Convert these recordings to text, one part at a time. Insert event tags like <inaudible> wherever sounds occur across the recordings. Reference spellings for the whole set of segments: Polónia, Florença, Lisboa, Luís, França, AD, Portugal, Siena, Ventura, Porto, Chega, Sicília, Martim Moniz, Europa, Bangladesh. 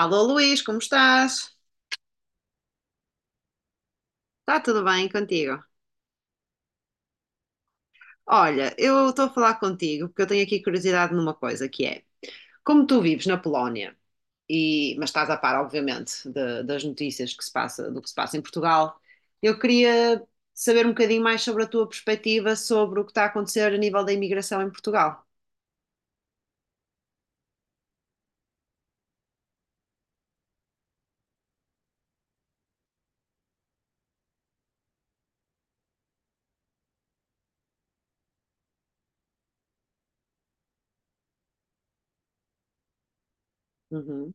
Alô Luís, como estás? Está tudo bem contigo? Olha, eu estou a falar contigo porque eu tenho aqui curiosidade numa coisa que é, como tu vives na Polónia e mas estás a par, obviamente, das notícias que se passa, do que se passa em Portugal, eu queria saber um bocadinho mais sobre a tua perspectiva sobre o que está a acontecer a nível da imigração em Portugal. Uhum.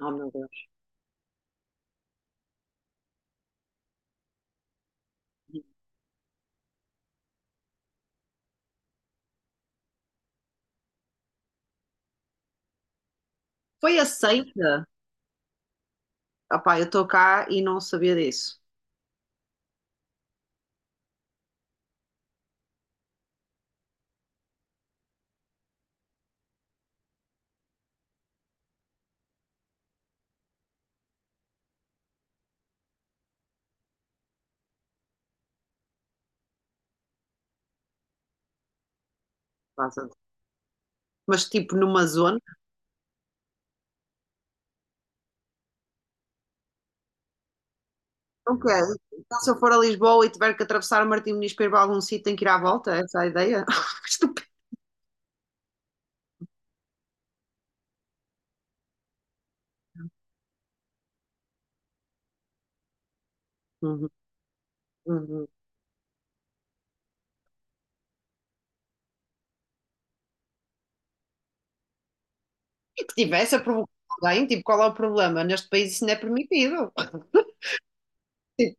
Oh, meu Deus. Foi aceita? Opá, eu estou cá e não sabia disso. Mas tipo numa zona. Não quero. Então, se eu for a Lisboa e tiver que atravessar o Martim Moniz para ir para algum sítio, tenho que ir à volta? Essa é a ideia? <laughs> Estúpido. Uhum, uhum. E que tivesse a provocar alguém, tipo, qual é o problema? Neste país isso não é permitido. <laughs> Tipo,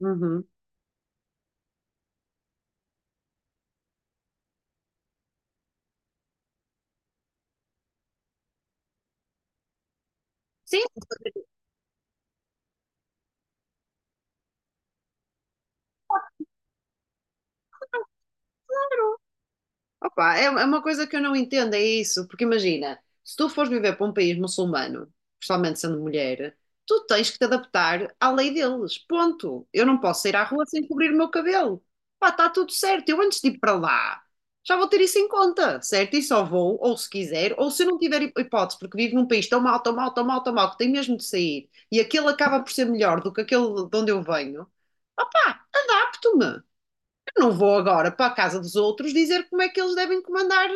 uhum. Sim, claro. Opa, é uma coisa que eu não entendo, é isso. Porque imagina, se tu fores viver para um país muçulmano, principalmente sendo mulher, tu tens que te adaptar à lei deles. Ponto. Eu não posso sair à rua sem cobrir o meu cabelo. Pá, está tudo certo. Eu antes de ir para lá, já vou ter isso em conta, certo? E só vou, ou se quiser, ou se eu não tiver hipótese, porque vivo num país tão mal, tão mal, tão mal, tão mal, que tem mesmo de sair, e aquele acaba por ser melhor do que aquele de onde eu venho. Opá, adapto-me. Não vou agora para a casa dos outros dizer como é que eles devem comandar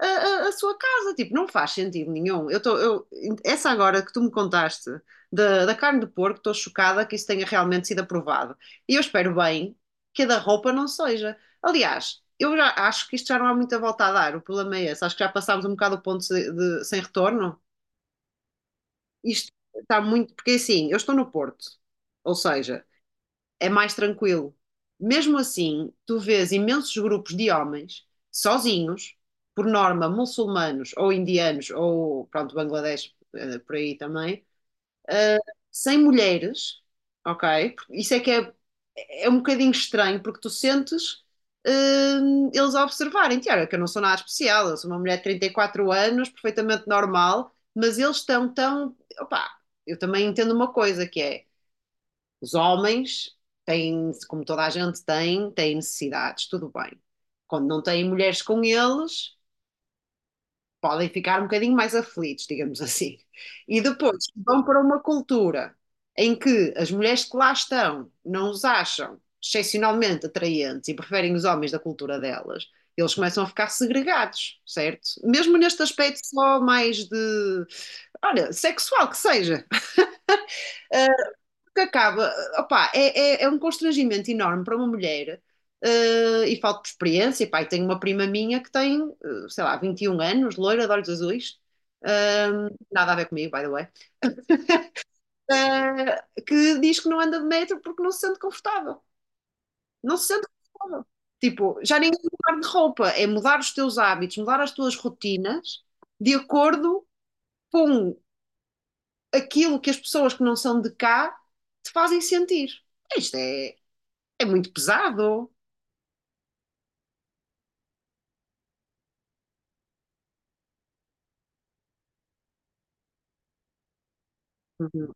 a sua casa. Tipo, não faz sentido nenhum. Essa agora que tu me contaste da carne de porco, estou chocada que isso tenha realmente sido aprovado. E eu espero bem que a da roupa não seja. Aliás, eu já acho que isto já não há muita volta a dar. O problema é esse. Acho que já passámos um bocado o ponto sem retorno. Isto está muito. Porque assim, eu estou no Porto. Ou seja, é mais tranquilo. Mesmo assim, tu vês imensos grupos de homens sozinhos, por norma muçulmanos ou indianos ou pronto, Bangladesh por aí também, eh, sem mulheres, ok? Isso é que é, é um bocadinho estranho porque tu sentes eh, eles a observarem, olha, que eu não sou nada especial, eu sou uma mulher de 34 anos, perfeitamente normal, mas eles estão tão, opá, eu também entendo uma coisa que é os homens têm, como toda a gente tem, têm necessidades, tudo bem. Quando não têm mulheres com eles, podem ficar um bocadinho mais aflitos, digamos assim. E depois vão para uma cultura em que as mulheres que lá estão não os acham excepcionalmente atraentes e preferem os homens da cultura delas, eles começam a ficar segregados, certo? Mesmo neste aspecto só mais de, olha, sexual que seja, que acaba, opá, é um constrangimento enorme para uma mulher e falta de experiência. Pá, e tenho uma prima minha que tem, sei lá, 21 anos, loira, de olhos azuis, nada a ver comigo, by the way, que diz que não anda de metro porque não se sente confortável. Não se sente confortável. Tipo, já nem é mudar de roupa, é mudar os teus hábitos, mudar as tuas rotinas de acordo com aquilo que as pessoas que não são de cá te fazem sentir. Isto é muito pesado. Uhum,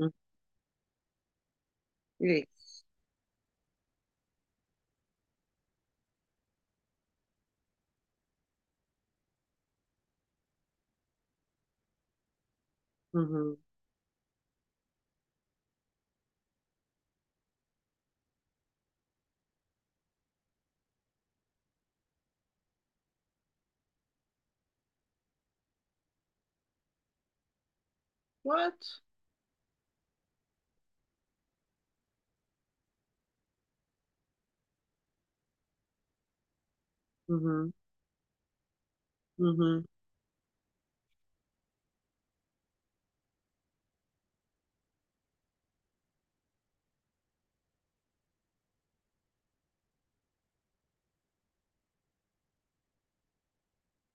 uhum. Isso. Uhum. What? Uhum, uhum.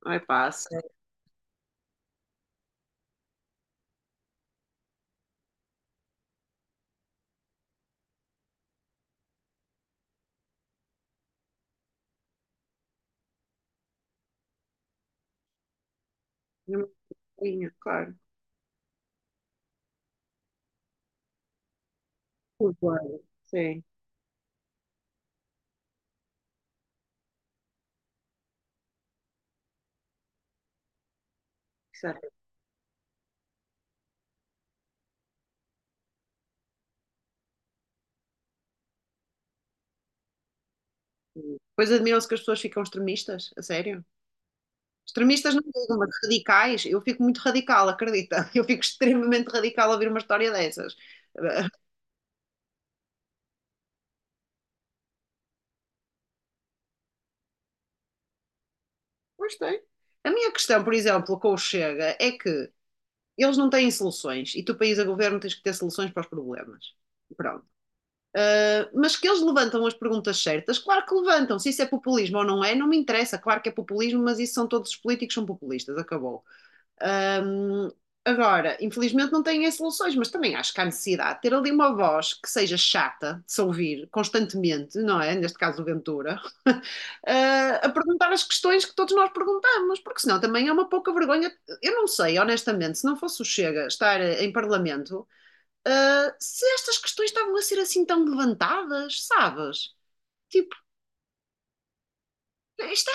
Ai, passa. É uma coisinha, claro. Concordo. Sim, certo. Pois admiram-se que as pessoas ficam extremistas, a sério? Extremistas não digo, mas radicais. Eu fico muito radical, acredita? <laughs> Eu fico extremamente radical a ouvir uma história dessas. <laughs> Pois tem. A minha questão, por exemplo, com o Chega é que eles não têm soluções e tu, país a governo, tens que ter soluções para os problemas. Pronto. Mas que eles levantam as perguntas certas, claro que levantam. Se isso é populismo ou não é, não me interessa. Claro que é populismo, mas isso são todos os políticos são populistas. Acabou. Um, Agora, infelizmente não têm as soluções, mas também acho que há necessidade de ter ali uma voz que seja chata de se ouvir constantemente, não é? Neste caso, o Ventura, <laughs> uh, a perguntar as questões que todos nós perguntamos, porque senão também é uma pouca vergonha. Eu não sei, honestamente, se não fosse o Chega estar em parlamento se estas questões estavam a ser assim tão levantadas, sabes? Tipo, isto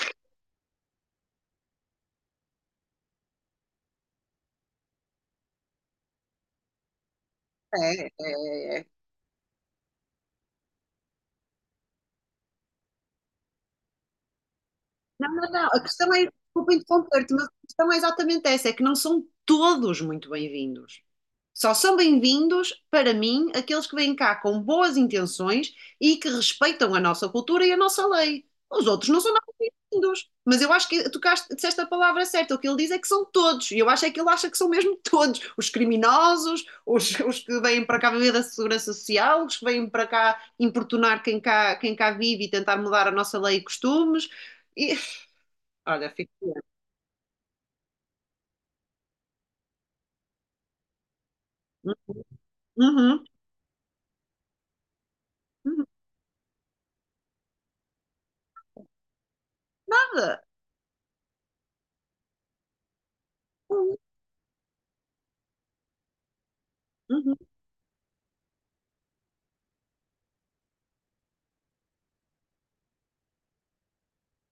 é, é, é, é Não, não, não. A questão é, desculpa interromper-te, mas a questão é exatamente essa, é que não são todos muito bem-vindos. Só são bem-vindos, para mim, aqueles que vêm cá com boas intenções e que respeitam a nossa cultura e a nossa lei. Os outros não são nada bem-vindos. Mas eu acho que tu disseste a palavra certa. O que ele diz é que são todos. E eu acho é que ele acha que são mesmo todos. Os criminosos, os que vêm para cá viver da segurança social, os que vêm para cá importunar quem cá vive e tentar mudar a nossa lei e costumes. E olha, fico. Uhum, uhum. Nada. Uhum, uhum,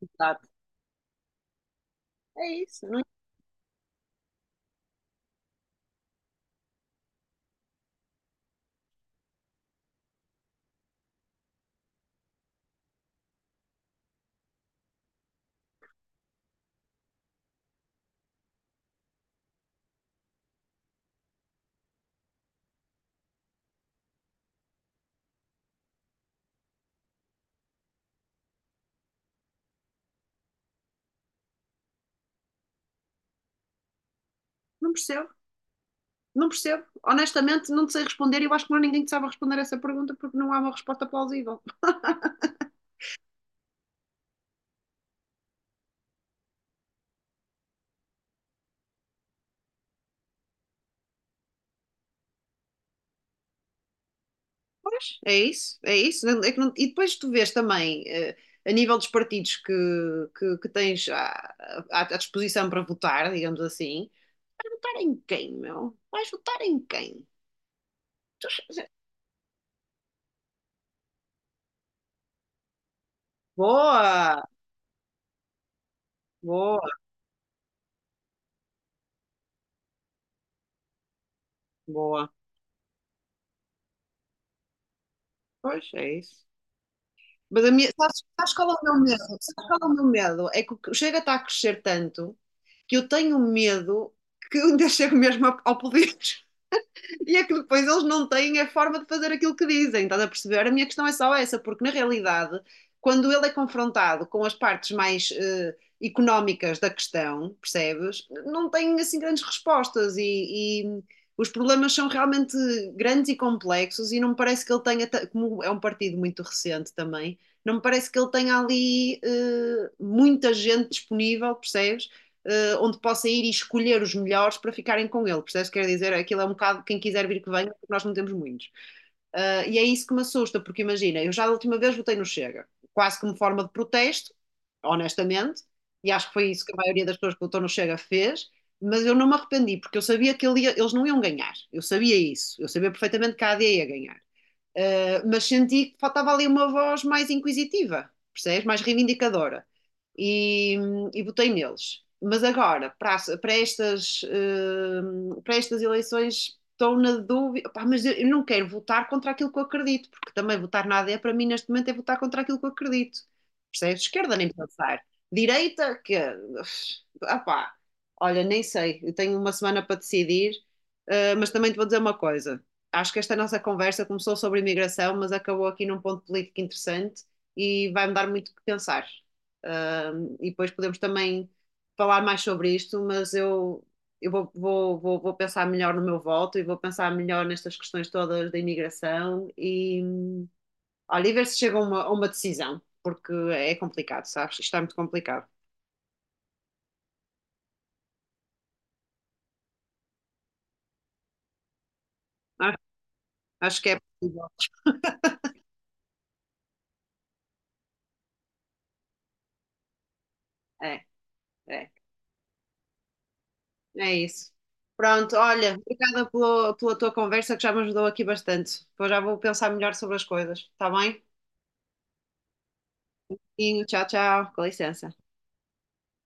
exato. É isso. Não, não percebo. Não percebo. Honestamente, não te sei responder e eu acho que não há ninguém que saiba responder essa pergunta porque não há uma resposta plausível. Pois, é isso, é isso. Não- é que não- E depois tu vês também, a nível dos partidos que tens à disposição para votar, digamos assim, votar em quem, meu? Vais votar em quem? Tu- Boa, boa, boa. Pois, é isso. Mas a minha, sabes qual é o meu medo? Sabes qual é o meu medo? É que o Chega está a crescer tanto que eu tenho medo que eu dia chego mesmo ao poder. E é que depois eles não têm a forma de fazer aquilo que dizem, estás a perceber? A minha questão é só essa, porque na realidade, quando ele é confrontado com as partes mais económicas da questão, percebes? Não tem assim grandes respostas e os problemas são realmente grandes e complexos e não me parece que ele tenha, como é um partido muito recente também, não me parece que ele tenha ali muita gente disponível, percebes? Onde possa ir e escolher os melhores para ficarem com ele. Percebes? Quer dizer, aquilo é um bocado quem quiser vir que venha, porque nós não temos muitos. E é isso que me assusta, porque imagina, eu já da última vez votei no Chega, quase como forma de protesto, honestamente, e acho que foi isso que a maioria das pessoas que votou no Chega fez, mas eu não me arrependi, porque eu sabia que ele ia, eles não iam ganhar, eu sabia isso, eu sabia perfeitamente que a AD ia ganhar. Mas senti que faltava ali uma voz mais inquisitiva, percebes? Mais reivindicadora. E, e votei neles. Mas agora, para estas eleições, estou na dúvida. Pá, mas eu não quero votar contra aquilo que eu acredito, porque também votar na AD para mim neste momento é votar contra aquilo que eu acredito. Percebes? Esquerda nem pensar. Direita, que. Ah, pá. Olha, nem sei. Eu tenho uma semana para decidir, mas também te vou dizer uma coisa, acho que esta nossa conversa começou sobre imigração, mas acabou aqui num ponto político interessante e vai-me dar muito o que pensar. E depois podemos também falar mais sobre isto, mas eu vou pensar melhor no meu voto e vou pensar melhor nestas questões todas da imigração e olha, e ver se chega a uma, decisão, porque é complicado, sabes? Isto é muito complicado. Acho, acho que é possível. É, é. É isso. Pronto, olha, obrigada pela tua conversa que já me ajudou aqui bastante. Depois já vou pensar melhor sobre as coisas, está bem? E tchau, tchau, com licença.